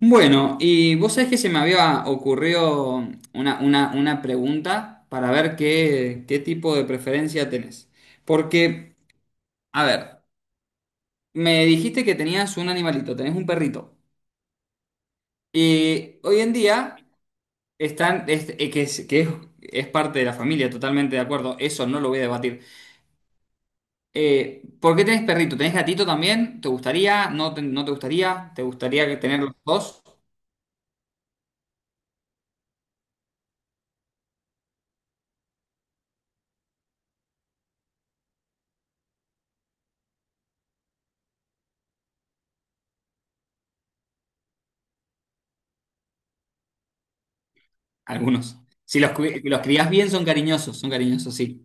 Bueno, y vos sabés que se me había ocurrido una pregunta para ver qué tipo de preferencia tenés. Porque, a ver, me dijiste que tenías un animalito, tenés un perrito. Y hoy en día están, es parte de la familia, totalmente de acuerdo, eso no lo voy a debatir. ¿Por qué tenés perrito? ¿Tenés gatito también? ¿Te gustaría? ¿No te gustaría? ¿Te gustaría que tener los dos? Algunos. Si los crías bien, son cariñosos, sí.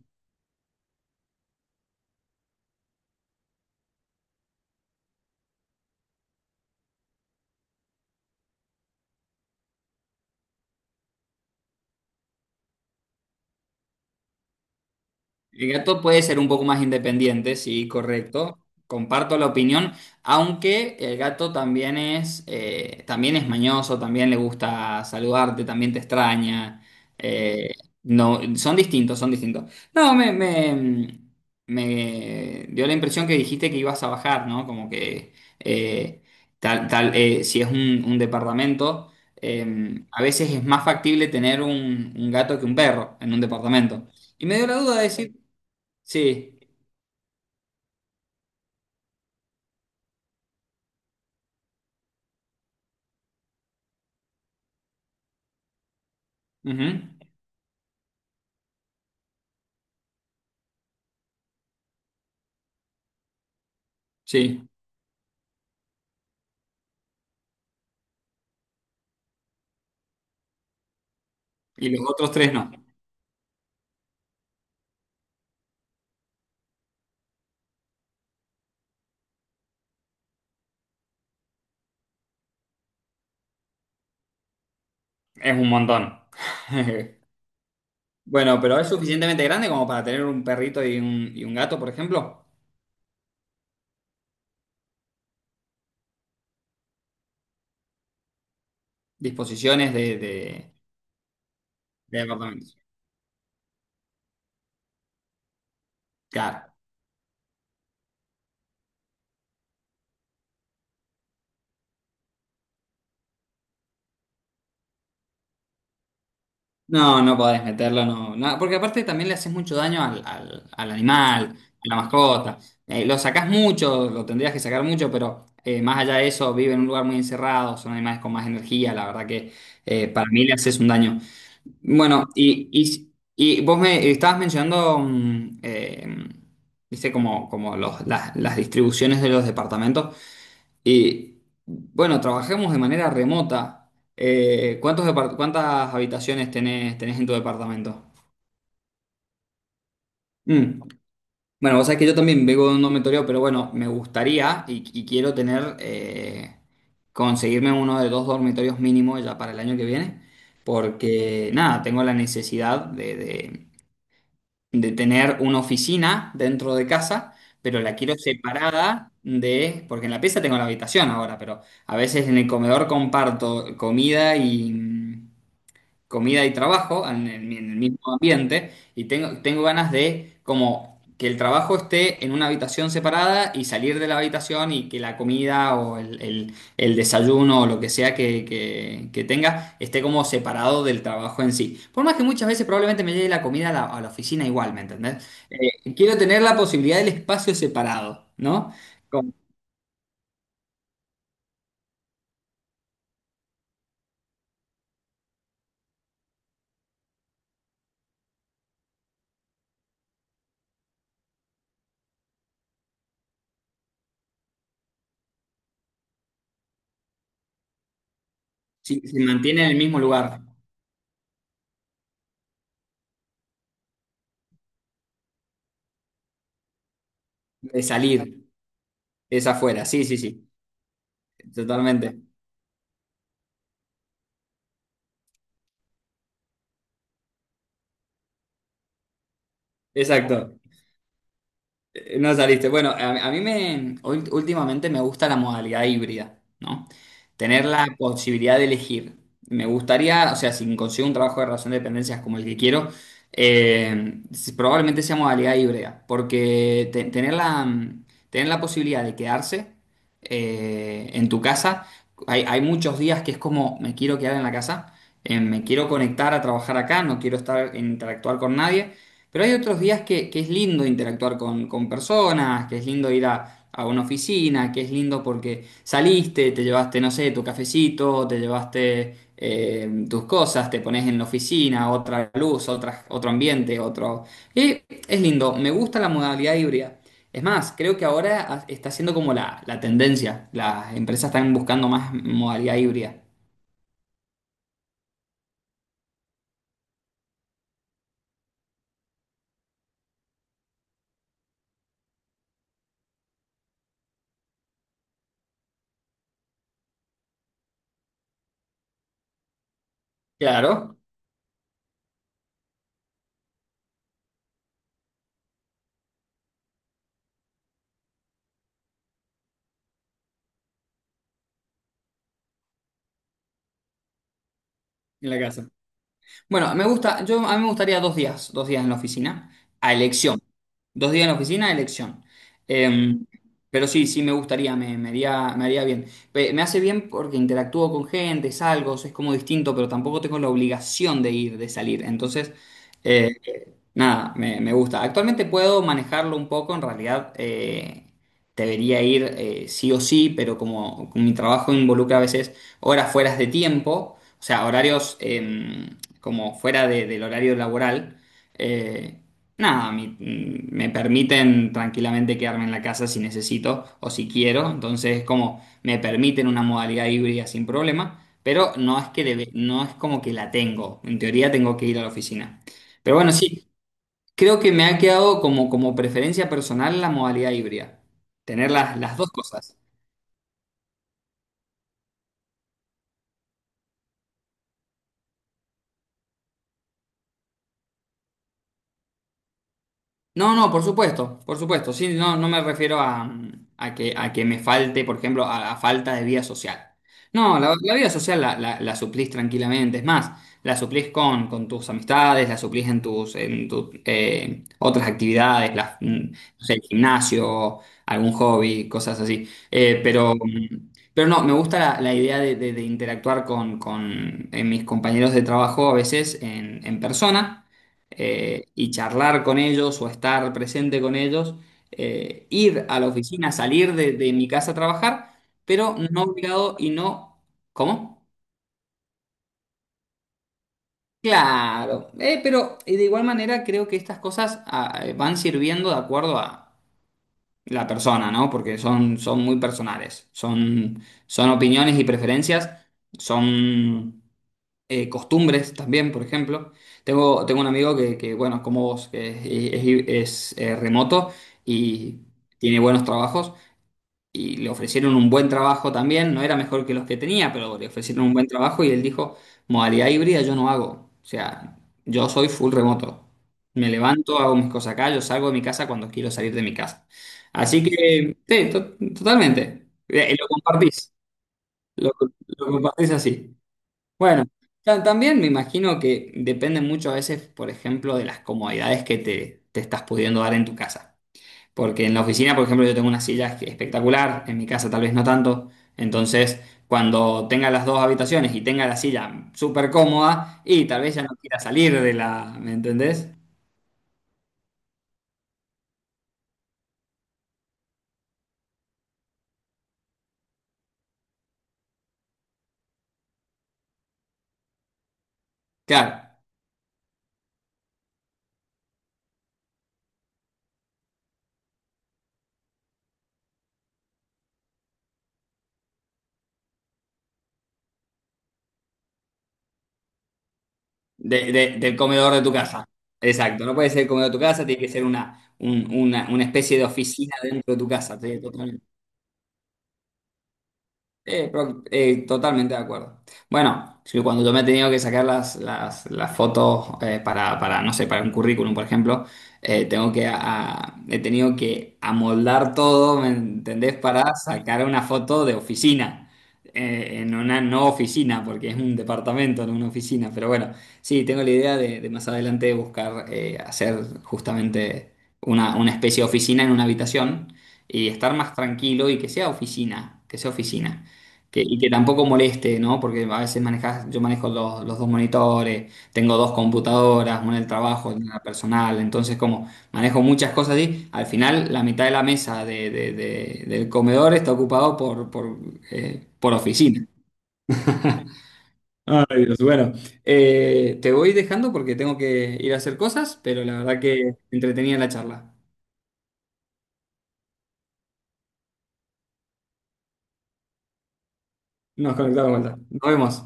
El gato puede ser un poco más independiente, sí, correcto. Comparto la opinión, aunque el gato también es mañoso, también le gusta saludarte, también te extraña. eh, no, son distintos, son distintos. No, me dio la impresión que dijiste que ibas a bajar, ¿no? Como que eh, si es un departamento, a veces es más factible tener un gato que un perro en un departamento. Y me dio la duda de decir, sí, ujú, sí, y los otros tres no. Es un montón. Bueno, pero es suficientemente grande como para tener un perrito y un gato, por ejemplo. Disposiciones de apartamentos. Claro. No, no podés meterlo, no, no, porque aparte también le haces mucho daño al animal, a la mascota. Lo sacás mucho, lo tendrías que sacar mucho, pero más allá de eso, vive en un lugar muy encerrado, son animales con más energía, la verdad que para mí le haces un daño. Bueno, y vos me estabas mencionando, viste, como las distribuciones de los departamentos. Y bueno, trabajemos de manera remota. ¿Cuántas habitaciones tenés en tu departamento? Mm. Bueno, vos sabés que yo también vengo de un dormitorio, pero bueno, me gustaría y quiero tener, conseguirme uno de dos dormitorios mínimos ya para el año que viene, porque nada, tengo la necesidad de tener una oficina dentro de casa, pero la quiero separada de, porque en la pieza tengo la habitación ahora, pero a veces en el comedor comparto comida y, comida y trabajo en el mismo ambiente y tengo ganas de como que el trabajo esté en una habitación separada y salir de la habitación y que la comida o el desayuno o lo que sea que tenga esté como separado del trabajo en sí. Por más que muchas veces probablemente me llegue la comida a la oficina igual, ¿me entendés? Quiero tener la posibilidad del espacio separado, ¿no? Como si se mantiene en el mismo lugar, de salir, es afuera, sí, sí, sí, totalmente. Exacto. No saliste. Bueno, a mí últimamente me gusta la modalidad híbrida, ¿no? Tener la posibilidad de elegir. Me gustaría, o sea, si consigo un trabajo de relación de dependencias como el que quiero, probablemente sea modalidad híbrida, porque tener la posibilidad de quedarse en tu casa, hay muchos días que es como, me quiero quedar en la casa, me quiero conectar a trabajar acá, no quiero estar, interactuar con nadie. Pero hay otros días que es lindo interactuar con personas, que es lindo ir a una oficina, que es lindo porque saliste, te llevaste, no sé, tu cafecito, te llevaste tus cosas, te pones en la oficina, otra luz, otra, otro ambiente, otro... Y es lindo, me gusta la modalidad híbrida. Es más, creo que ahora está siendo como la tendencia. Las empresas están buscando más modalidad híbrida. Claro, en la casa. Bueno, me gusta, yo a mí me gustaría dos días en la oficina, a elección. Dos días en la oficina, a elección. Eh, pero sí, sí me gustaría, me haría bien. Me hace bien porque interactúo con gente, salgo, es como distinto, pero tampoco tengo la obligación de ir, de salir. Entonces, eh, nada, me gusta. Actualmente puedo manejarlo un poco, en realidad debería ir sí o sí, pero como mi trabajo involucra a veces horas fuera de tiempo, o sea, horarios como fuera del horario laboral, eh, nada, me permiten tranquilamente quedarme en la casa si necesito o si quiero, entonces como me permiten una modalidad híbrida sin problema, pero no es que no es como que la tengo, en teoría tengo que ir a la oficina. Pero bueno, sí, creo que me ha quedado como preferencia personal la modalidad híbrida. Tener las dos cosas. No, no, por supuesto, por supuesto. Sí, no, no me refiero a, a que me falte, por ejemplo, a falta de vida social. No, la vida social la suplís tranquilamente. Es más, la suplís con tus amistades, la suplís en tus otras actividades, no sé, el gimnasio, algún hobby, cosas así. Pero no, me gusta la idea de interactuar con mis compañeros de trabajo a veces en persona y charlar con ellos o estar presente con ellos, ir a la oficina, salir de mi casa a trabajar, pero no obligado y no... ¿Cómo? Claro, pero de igual manera creo que estas cosas van sirviendo de acuerdo a la persona, ¿no? Porque son, son, muy personales, son opiniones y preferencias, son... costumbres también, por ejemplo. Tengo un amigo que, bueno, como vos, que es remoto y tiene buenos trabajos y le ofrecieron un buen trabajo también, no era mejor que los que tenía, pero le ofrecieron un buen trabajo y él dijo, modalidad híbrida yo no hago, o sea, yo soy full remoto. Me levanto, hago mis cosas acá, yo salgo de mi casa cuando quiero salir de mi casa. Así que, sí, totalmente. Lo compartís, lo lo compartís así. Bueno, también me imagino que depende mucho a veces, por ejemplo, de las comodidades que te estás pudiendo dar en tu casa. Porque en la oficina, por ejemplo, yo tengo una silla que- espectacular, en mi casa tal vez no tanto. Entonces, cuando tenga las dos habitaciones y tenga la silla súper cómoda, y tal vez ya no quiera salir de la, ¿me entendés? Claro, del comedor de tu casa. Exacto, no puede ser el comedor de tu casa, tiene que ser una especie de oficina dentro de tu casa. Sí, totalmente. Pro- totalmente de acuerdo. Bueno, sí, cuando yo me he tenido que sacar las fotos para, no sé, para un currículum, por ejemplo, tengo que he tenido que amoldar todo, ¿me entendés? Para sacar una foto de oficina, en una no oficina, porque es un departamento, no una oficina. Pero bueno, sí, tengo la idea de más adelante buscar hacer justamente una especie de oficina en una habitación y estar más tranquilo y que sea oficina, que sea oficina. Que- y que tampoco moleste, ¿no? Porque a veces manejas, yo manejo los dos monitores, tengo dos computadoras, una del trabajo, una la personal, entonces como manejo muchas cosas y al final la mitad de la mesa del comedor está ocupado por oficina. Ay, Dios, bueno, te voy dejando porque tengo que ir a hacer cosas, pero la verdad que entretenida la charla. Nos conectamos de vuelta. Nos vemos.